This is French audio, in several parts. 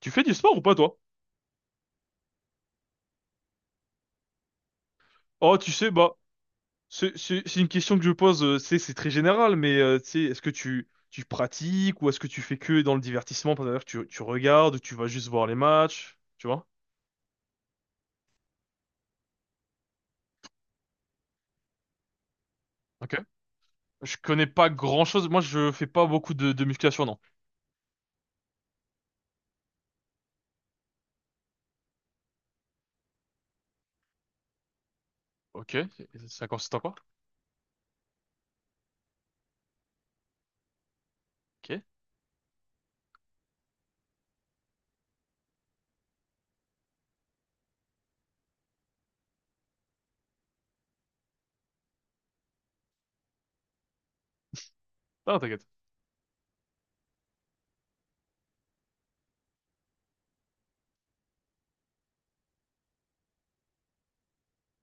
Tu fais du sport ou pas, toi? Oh, tu sais, c'est une question que je pose, c'est très général, mais tu sais, est-ce que tu pratiques, ou est-ce que tu fais que dans le divertissement, c'est-à-dire que tu regardes, ou tu vas juste voir les matchs, tu vois? Ok. Je connais pas grand-chose, moi je fais pas beaucoup de musculation, non. Ok. Ça consiste en quoi? Ok. Ah, t'inquiète.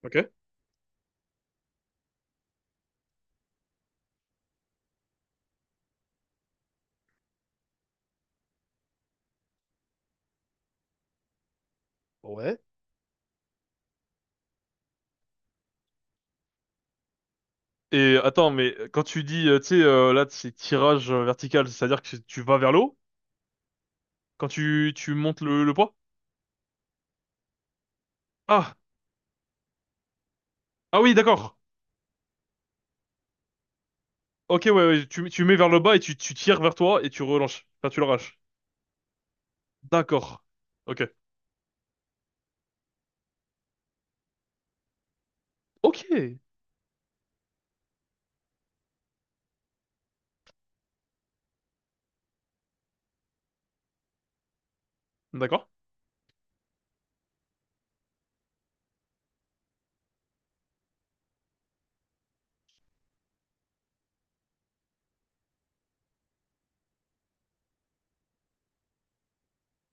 Ok. Ouais. Et attends, mais quand tu dis, tu sais, là, c'est tirage vertical, c'est-à-dire que tu vas vers le haut quand tu montes le poids? Ah, ah oui, d'accord. Ok, ouais, ouais, tu mets vers le bas et tu tires vers toi et tu relances. Enfin, tu l'arraches. D'accord. Ok. Ok. D'accord.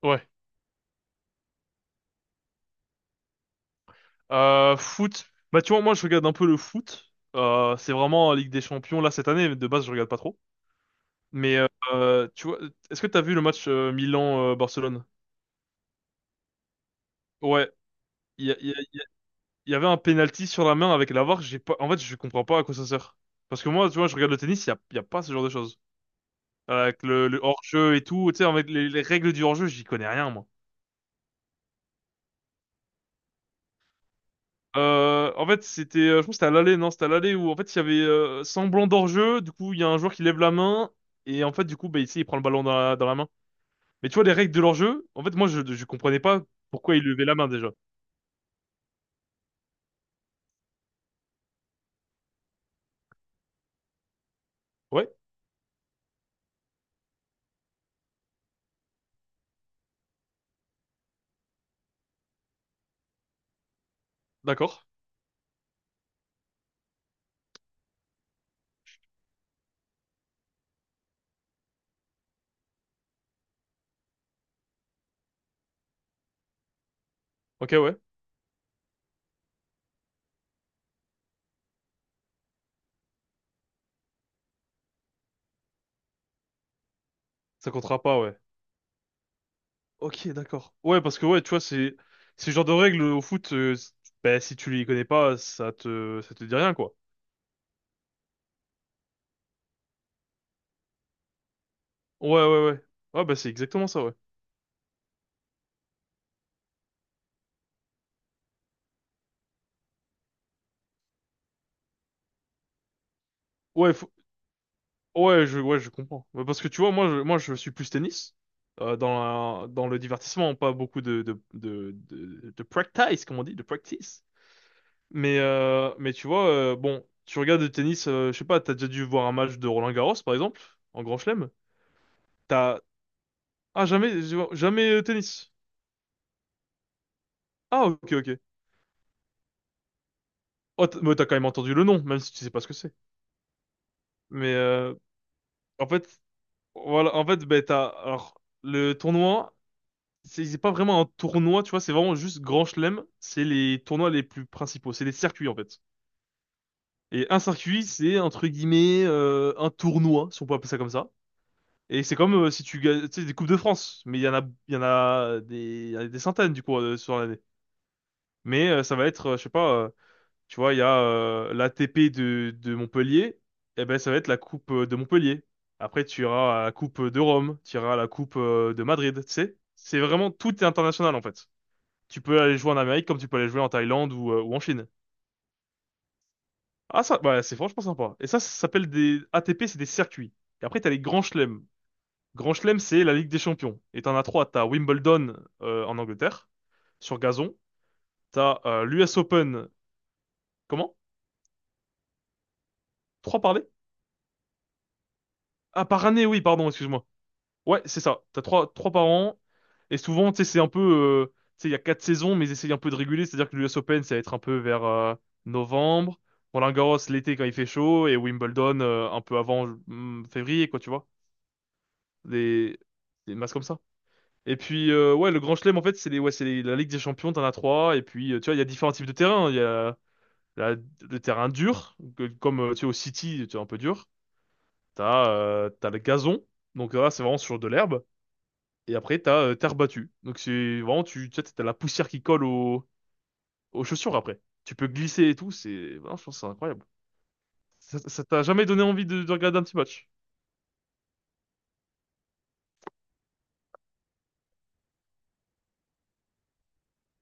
Ouais. Foot. Bah, tu vois, moi, je regarde un peu le foot. C'est vraiment la Ligue des Champions. Là, cette année, de base, je regarde pas trop. Mais tu vois, est-ce que t'as vu le match Milan-Barcelone? Ouais. Il y, a- il y a- il y avait un penalty sur la main avec la VAR. J'ai pas... En fait, je comprends pas à quoi ça sert. Parce que moi, tu vois, je regarde le tennis, il y a pas ce genre de choses. Avec le hors-jeu et tout, tu sais, avec les règles du hors-jeu, j'y connais rien, moi. En fait, c'était, je pense que c'était à l'aller, non, c'était à l'aller où en fait il y avait semblant d'hors-jeu. Du coup, il y a un joueur qui lève la main et en fait, du coup, bah, ici, il prend le ballon dans dans la main. Mais tu vois les règles de l'hors-jeu. En fait, moi, je comprenais pas pourquoi il levait la main déjà. Ouais, d'accord. Ok, ouais. Ça comptera pas, ouais. Ok, d'accord. Ouais, parce que ouais, tu vois, c'est ce genre de règles au foot. Bah, si tu les connais pas, ça te dit rien, quoi. Ouais, ouais, ouais. Ouais, bah c'est exactement ça, ouais. Ouais, ouais, je comprends. Mais parce que tu vois, moi, je suis plus tennis dans dans le divertissement, pas beaucoup de practice, comme on dit, de practice. Mais tu vois, bon, tu regardes le tennis, je sais pas, t'as déjà dû voir un match de Roland Garros, par exemple, en Grand Chelem. T'as ah jamais jamais tennis. Ah ok ok. Mais t'as quand même entendu le nom, même si tu sais pas ce que c'est. Mais en fait, voilà, en fait, ben t'as alors le tournoi. C'est pas vraiment un tournoi, tu vois, c'est vraiment juste Grand Chelem, c'est les tournois les plus principaux, c'est les circuits en fait. Et un circuit, c'est entre guillemets un tournoi, si on peut appeler ça comme ça. Et c'est comme si tu gagnes, tu sais, des Coupes de France, mais il y en a, il y en a des, il y en a des centaines du coup sur l'année. Mais ça va être, je sais pas, tu vois, il y a l'ATP de Montpellier, et ben ça va être la Coupe de Montpellier. Après, tu iras à la Coupe de Rome, tu iras à la Coupe de Madrid, tu sais. C'est vraiment tout est international en fait. Tu peux aller jouer en Amérique comme tu peux aller jouer en Thaïlande ou en Chine. Ah ça, bah, c'est franchement sympa. Et ça s'appelle des ATP, c'est des circuits. Et après, t'as les grands chelems. Grand chelem, c'est la Ligue des Champions. Et t'en as trois. T'as Wimbledon en Angleterre, sur gazon. T'as l'US Open, comment? Trois par année? Ah, par année, oui, pardon, excuse-moi. Ouais, c'est ça. T'as trois, trois par an. Et souvent, tu sais, c'est un peu... tu sais, il y a quatre saisons, mais ils essayent un peu de réguler. C'est-à-dire que l'US Open, ça va être un peu vers novembre. Roland-Garros, l'été, quand il fait chaud. Et Wimbledon, un peu avant février, quoi, tu vois. Des, des masses comme ça. Et puis, ouais, le Grand Chelem, en fait, c'est les, ouais, c'est les- la Ligue des Champions, t'en as trois. Et puis, tu vois, il y a différents types de terrains. Il y a la- le terrain dur, comme, tu sais, au City, tu vois, un peu dur. T'as le gazon. Donc là, c'est vraiment sur de l'herbe. Et après, t'as as terre battue. Donc c'est vraiment, tu sais, t'as la poussière qui colle aux chaussures après. Tu peux glisser et tout, c'est... voilà, je pense que c'est incroyable. Ça t'a jamais donné envie de regarder un petit match?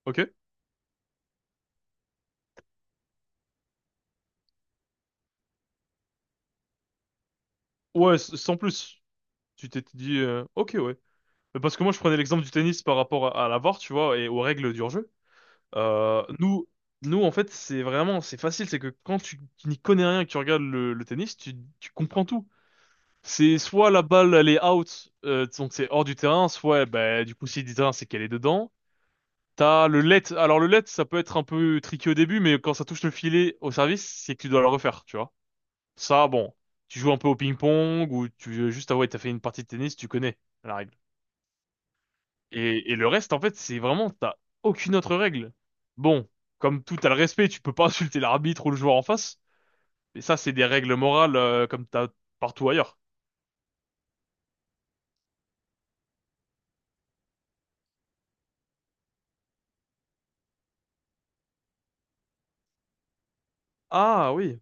Ok? Ouais, sans plus. Tu t'es dit, ok, ouais. Mais parce que moi, je prenais l'exemple du tennis par rapport à la VAR, tu vois, et aux règles du hors-jeu. Euh, nous, Nous, en fait, c'est vraiment, c'est facile, c'est que quand tu n'y connais rien et que tu regardes le tennis, tu comprends tout. C'est soit la balle elle est out, donc c'est hors du terrain, soit bah, du coup si du terrain c'est qu'elle est dedans. T'as le let. Alors le let ça peut être un peu tricky au début, mais quand ça touche le filet au service, c'est que tu dois le refaire, tu vois. Ça bon, tu joues un peu au ping-pong ou tu veux juste avouer t'as fait une partie de tennis, tu connais la règle. Et le reste en fait c'est vraiment t'as aucune autre règle. Bon, comme tout t'as le respect, tu peux pas insulter l'arbitre ou le joueur en face. Mais ça c'est des règles morales comme t'as partout ailleurs. Ah oui,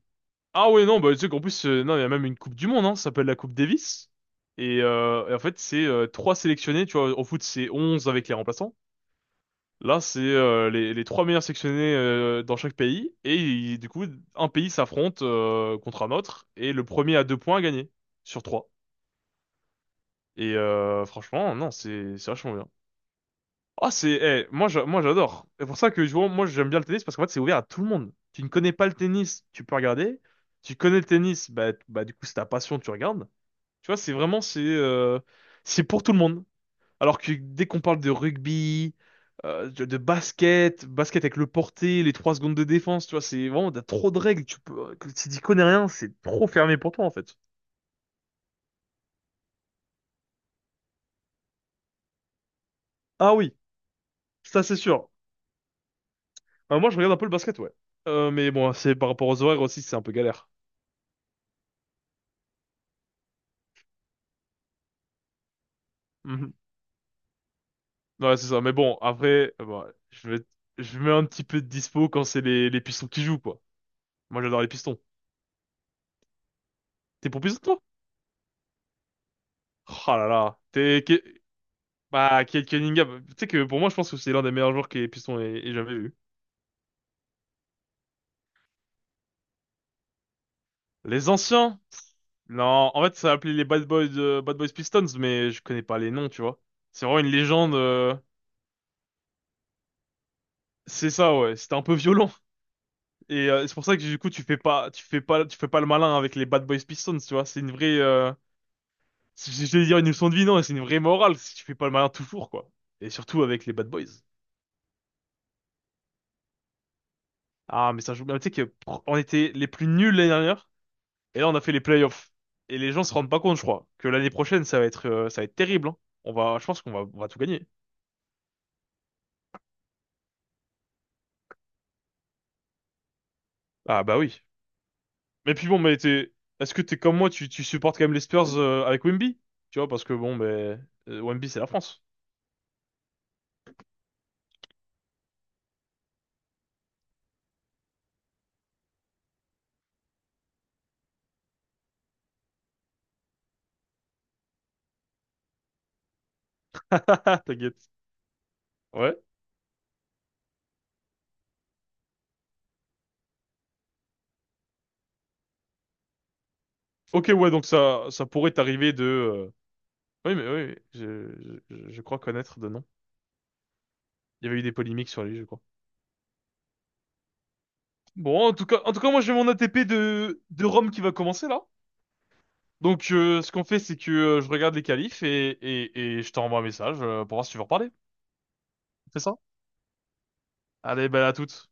Ah ouais, non, bah, tu sais qu'en plus, non, il y a même une Coupe du Monde, hein, ça s'appelle la Coupe Davis. Et en fait, c'est trois sélectionnés, tu vois, au foot, c'est 11 avec les remplaçants. Là, c'est les trois meilleurs sélectionnés dans chaque pays. Du coup, un pays s'affronte contre un autre, et le premier à deux points a gagné, sur trois. Et franchement, non, c'est vachement bien. Ah, c'est... moi, j'adore. C'est pour ça que, je vois, moi, j'aime bien le tennis, parce qu'en fait, c'est ouvert à tout le monde. Tu ne connais pas le tennis, tu peux regarder. Tu connais le tennis, bah du coup c'est ta passion, tu regardes. Tu vois, c'est pour tout le monde. Alors que dès qu'on parle de rugby, de basket, basket avec le porté, les trois secondes de défense, tu vois, c'est vraiment, t'as trop de règles. Que si t'y connais rien, c'est trop fermé pour toi, en fait. Ah oui, ça c'est sûr. Moi, je regarde un peu le basket, ouais. Mais bon, c'est par rapport aux horaires aussi, c'est un peu galère. Mhm. Ouais, c'est ça. Mais bon, après, bah, je mets un petit peu de dispo quand c'est les Pistons qui jouent, quoi. Moi, j'adore les Pistons. T'es pour Pistons, toi? Oh là là. T'es, bah, Kate Cunningham, tu sais que pour moi, je pense que c'est l'un des meilleurs joueurs que les Pistons aient jamais vu. Les anciens? Non, en fait, ça s'appelait les Bad Boys, Bad Boys Pistons, mais je connais pas les noms, tu vois. C'est vraiment une légende. C'est ça, ouais. C'était un peu violent. Et c'est pour ça que du coup, tu fais pas le malin avec les Bad Boys Pistons, tu vois. C'est une vraie, je vais dire une leçon de vie, non, c'est une vraie morale si tu fais pas le malin toujours, quoi. Et surtout avec les Bad Boys. Ah, mais ça joue. Mais tu sais que on était les plus nuls l'année dernière. Et là, on a fait les playoffs. Et les gens se rendent pas compte, je crois, que l'année prochaine, ça va être terrible. Hein. On va, je pense qu'on va, on va tout gagner. Ah bah oui. Mais puis bon, est-ce que t'es comme moi, tu supportes quand même les Spurs avec Wemby? Tu vois, parce que bon, mais Wemby, c'est la France. T'inquiète. Ouais. Ok, ouais, donc ça pourrait t'arriver de. Oui, je crois connaître de nom. Il y avait eu des polémiques sur les jeux, quoi. Bon, en tout cas, moi j'ai mon ATP de Rome qui va commencer là. Donc, ce qu'on fait, c'est que je regarde les qualifs et je t'envoie un message pour voir si tu veux reparler. C'est ça? Allez, ben à toutes.